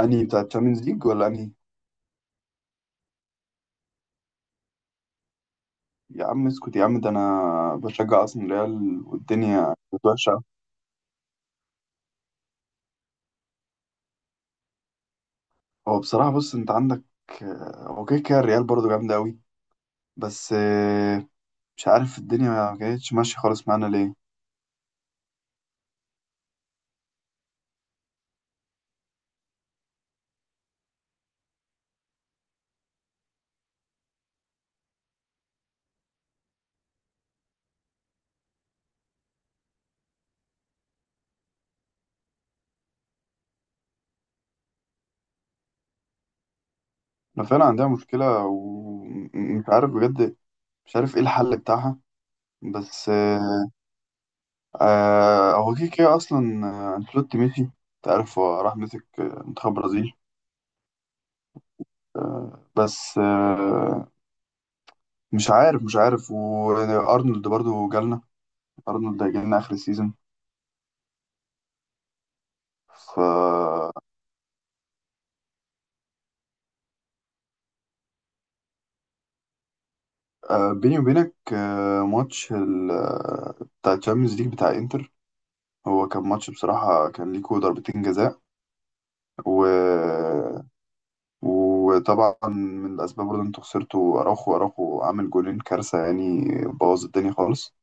انهي بتاع تشامبيونز ليج ولا انهي؟ يا عم اسكت يا عم، ده انا بشجع اصلا ريال والدنيا كانت وحشه. هو بصراحه، بص انت عندك، هو كده كده الريال برضه جامده قوي. بس آه، مش عارف الدنيا ما كانتش ماشيه خالص معانا ليه. احنا فعلا عندنا مشكله، ومش عارف بجد مش عارف ايه الحل بتاعها. بس آه، آه، هو كده كده اصلا. انشيلوتي مشي، انت عارف هو راح مسك منتخب برازيل. آه، بس آه، مش عارف وارنولد برضو جالنا، ارنولد جالنا اخر السيزون. ف بيني وبينك، آه، ماتش ال... آه، بتاع الشامبيونز ليج بتاع انتر، هو كان ماتش بصراحة، كان ليكوا ضربتين جزاء. و... وطبعا من الأسباب برضه، انتوا خسرتوا أراوخو عامل جولين كارثة يعني، بوظ الدنيا خالص.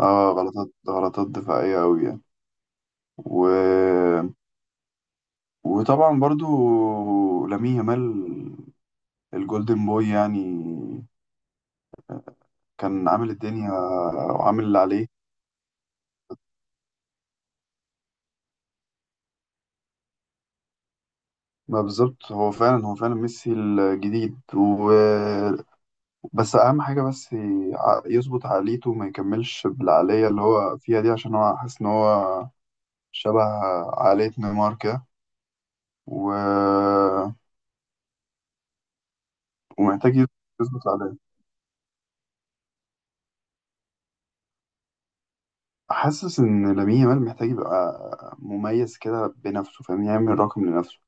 اه غلطات دفاعية أوي يعني. و... وطبعا برضو لامين يامال الجولدن بوي يعني، كان عامل الدنيا وعامل اللي عليه. ما بالظبط، هو فعلا هو فعلا ميسي الجديد. بس اهم حاجه، بس يظبط عقليته، ما يكملش بالعقليه اللي هو فيها دي، عشان هو حاسس ان هو شبه عقليه نيمار كده. و... ومحتاج يظبط العقليه. حاسس ان لامين يامال محتاج يبقى مميز كده بنفسه، فاهم، يعمل رقم لنفسه،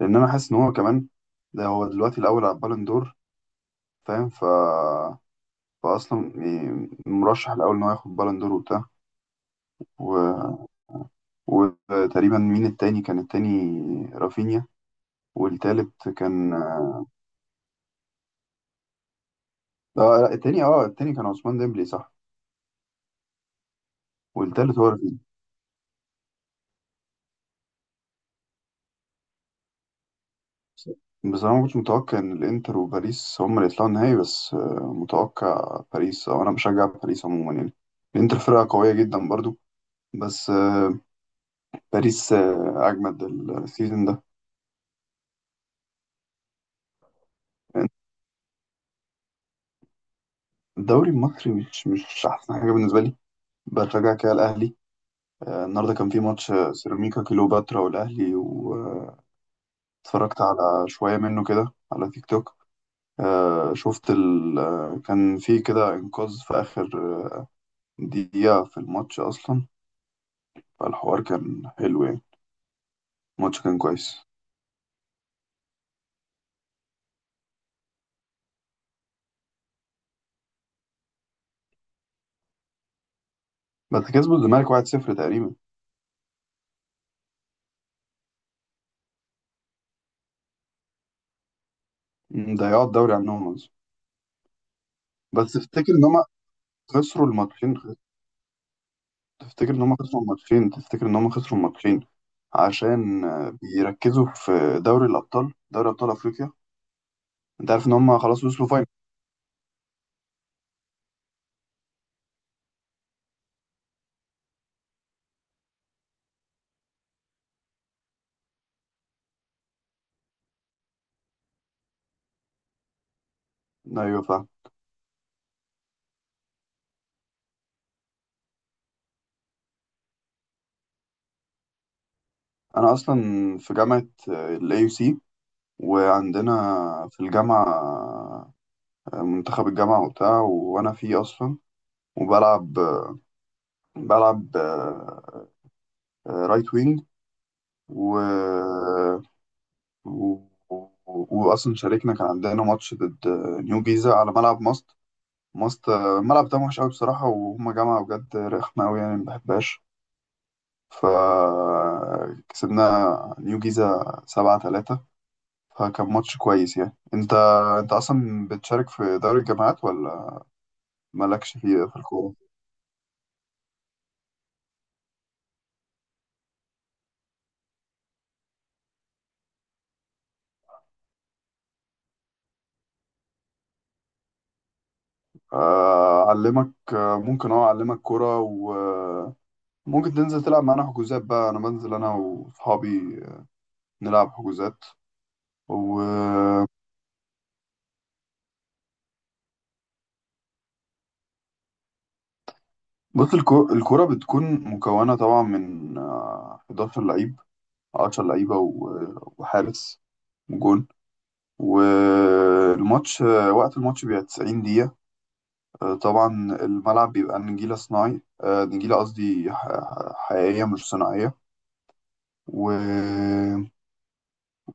لان انا حاسس ان هو كمان ده هو دلوقتي الاول على البالون دور، فاهم. فأصلا مرشح الأول إن هو ياخد بالون دور وبتاع. و... وتقريبا مين التاني؟ كان التاني رافينيا، والتالت كان اه... لا، التاني اه التاني كان عثمان ديمبلي صح، والتالت هو رافينيا. بصراحة ما كنتش متوقع إن الإنتر وباريس هما اللي يطلعوا النهائي، بس آه، متوقع باريس، أو أنا بشجع باريس عموما يعني. الإنتر فرقة قوية جدا برضو، بس آه، باريس أجمد السيزون ده. الدوري المصري مش أحسن حاجة بالنسبة لي. بشجع كده الأهلي. النهارده كان في ماتش سيراميكا كليوباترا والأهلي، واتفرجت على شوية منه كده على تيك توك. آه، شفت ال... آه، كان في كده إنقاذ في آخر دقيقة في الماتش أصلا. فالحوار كان حلو يعني، الماتش كان كويس. بس كسبوا الزمالك 1-0 تقريبا. ضيعوا الدوري عنهم أصلا. بس تفتكر إن هما خسروا الماتشين؟ تفتكر إن هما خسروا الماتشين تفتكر إن هما خسروا الماتشين عشان بيركزوا في دوري الأبطال، دوري أبطال أفريقيا؟ انت عارف ان هم خلاص وصلوا. ايوه فاهم. انا اصلا في جامعه الاي يو سي، وعندنا في الجامعه منتخب الجامعه وبتاع، وانا فيه اصلا، وبلعب بلعب رايت وينج. و... و... واصلا شاركنا، كان عندنا ماتش ضد نيو جيزه على ملعب ماست. الملعب ده وحش قوي بصراحه، وهما جامعه بجد رخمه قوي يعني ما بحبهاش. فكسبنا نيو جيزه 7-3، فكان ماتش كويس يعني. انت اصلا بتشارك في دوري الجامعات، ولا مالكش فيه في الكوره؟ اعلمك، ممكن اه اعلمك كوره، وممكن تنزل تلعب معانا حجوزات بقى. انا بنزل انا واصحابي نلعب حجوزات. و بص الكوره بتكون مكونه طبعا من 11 لعيب، 10 لعيبه وحارس وجون. والماتش وقت الماتش بيبقى 90 دقيقه. طبعا الملعب بيبقى نجيلة صناعي، نجيلة قصدي حقيقية مش صناعية. و...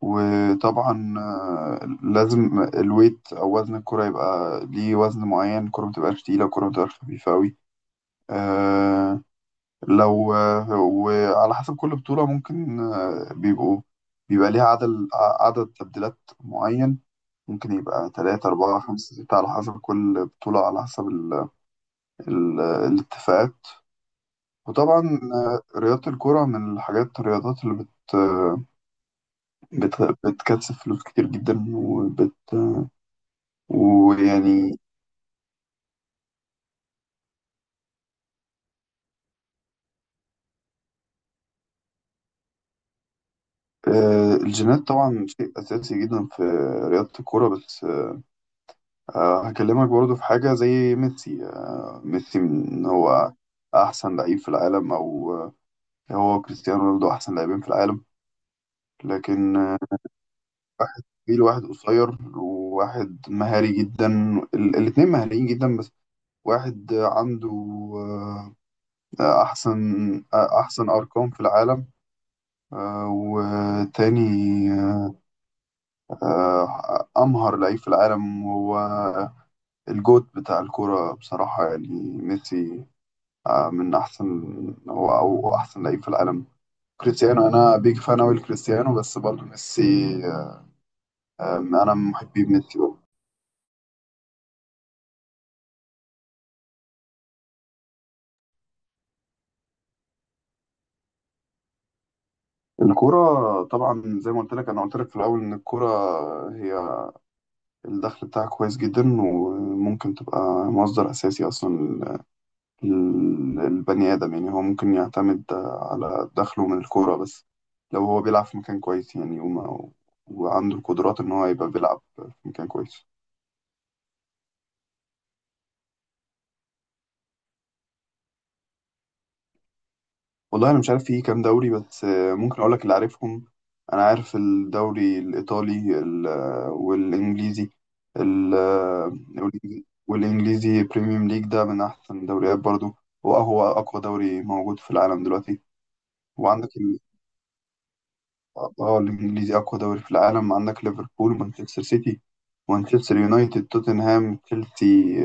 وطبعا لازم الويت أو وزن الكرة يبقى ليه وزن معين، الكرة متبقاش تقيلة، الكرة متبقاش خفيفة أوي. آه، لو وعلى حسب كل بطولة، ممكن آه، بيبقوا بيبقى ليها عدد تبديلات معين، ممكن يبقى تلاتة أربعة خمسة ستة، على حسب كل بطولة، على حسب الاتفاقات. وطبعا رياضة الكرة من الحاجات، الرياضات اللي بت آه، بت بتكسب فلوس كتير جدا، ويعني. الجينات طبعا شيء أساسي جدا في رياضة الكرة. بس هكلمك برضو في حاجة زي ميسي. ميسي من هو أحسن لعيب في العالم، أو هو كريستيانو رونالدو أحسن لاعبين في العالم. لكن واحد طويل وواحد قصير، وواحد مهاري جدا، ال- الاتنين مهاريين جدا. بس واحد عنده آه، أحسن أرقام في العالم. وتاني أمهر لعيب في العالم هو الجوت بتاع الكورة بصراحة يعني، ميسي. من أحسن، أو أحسن لعيب في العالم. كريستيانو أنا بيج فان أوي لكريستيانو، بس برضه ميسي آه، أنا من محبي ميسي برضه. الكورة طبعا زي ما قلت لك في الأول، إن الكورة هي الدخل بتاعها كويس جدا، وممكن تبقى مصدر أساسي أصلا، البني آدم يعني هو ممكن يعتمد على دخله من الكورة، بس لو هو بيلعب في مكان كويس يعني، وعنده القدرات إن هو يبقى بيلعب في مكان كويس. والله أنا مش عارف فيه كام دوري، بس آه، ممكن أقول لك اللي عارفهم. أنا عارف الدوري الإيطالي والإنجليزي بريميوم ليج، ده من أحسن الدوريات برضو، وهو أقوى دوري موجود في العالم دلوقتي. وعندك اه الانجليزي اقوى دوري في العالم. عندك ليفربول ومانشستر سيتي ومانشستر يونايتد توتنهام تشيلسي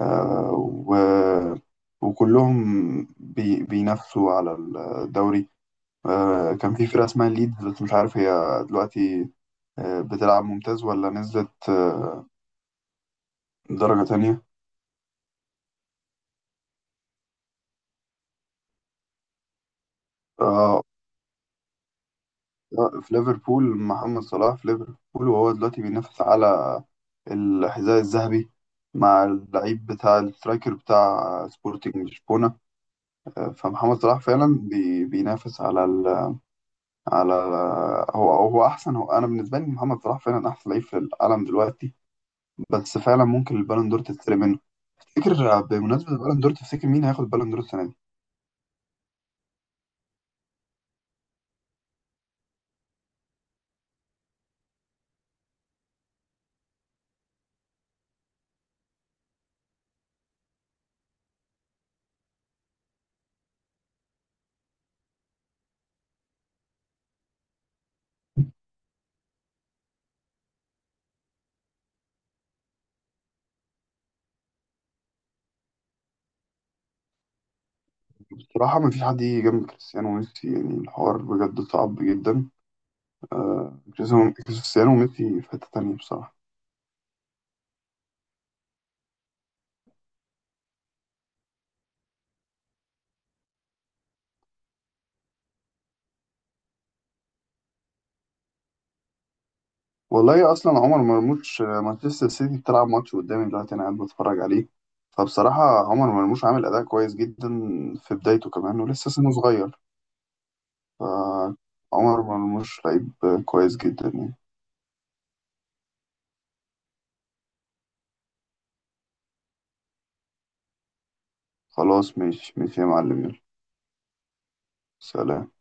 آه، و... وكلهم بينافسوا على الدوري. كان في فرقة اسمها ليدز، بس مش عارف هي دلوقتي بتلعب ممتاز، ولا نزلت درجة تانية. آه، لا، في ليفربول، محمد صلاح في ليفربول، وهو دلوقتي بينافس على الحذاء الذهبي مع اللعيب بتاع السترايكر بتاع سبورتنج لشبونة. فمحمد صلاح فعلا بينافس على ال على هو انا بالنسبه لي محمد صلاح فعلا احسن لعيب في العالم دلوقتي. بس فعلا ممكن البالون دور تتسرق منه. تفتكر، بمناسبه البالون دور، تفتكر مين هياخد البالون دور السنه دي؟ بصراحه ما فيش حد يجي جنب كريستيانو وميسي يعني، الحوار بجد صعب جدا. كريستيانو وميسي في حتة تانية بصراحة. والله أصلا عمر مرموش، مانشستر سيتي بتلعب ماتش قدامي دلوقتي أنا قاعد بتفرج عليه، فبصراحة عمر مرموش عامل أداء كويس جدا في بدايته كمان ولسه سنه صغير. فعمر مرموش لعيب كويس جدا يعني. خلاص ماشي ماشي يا معلم، يلا سلام.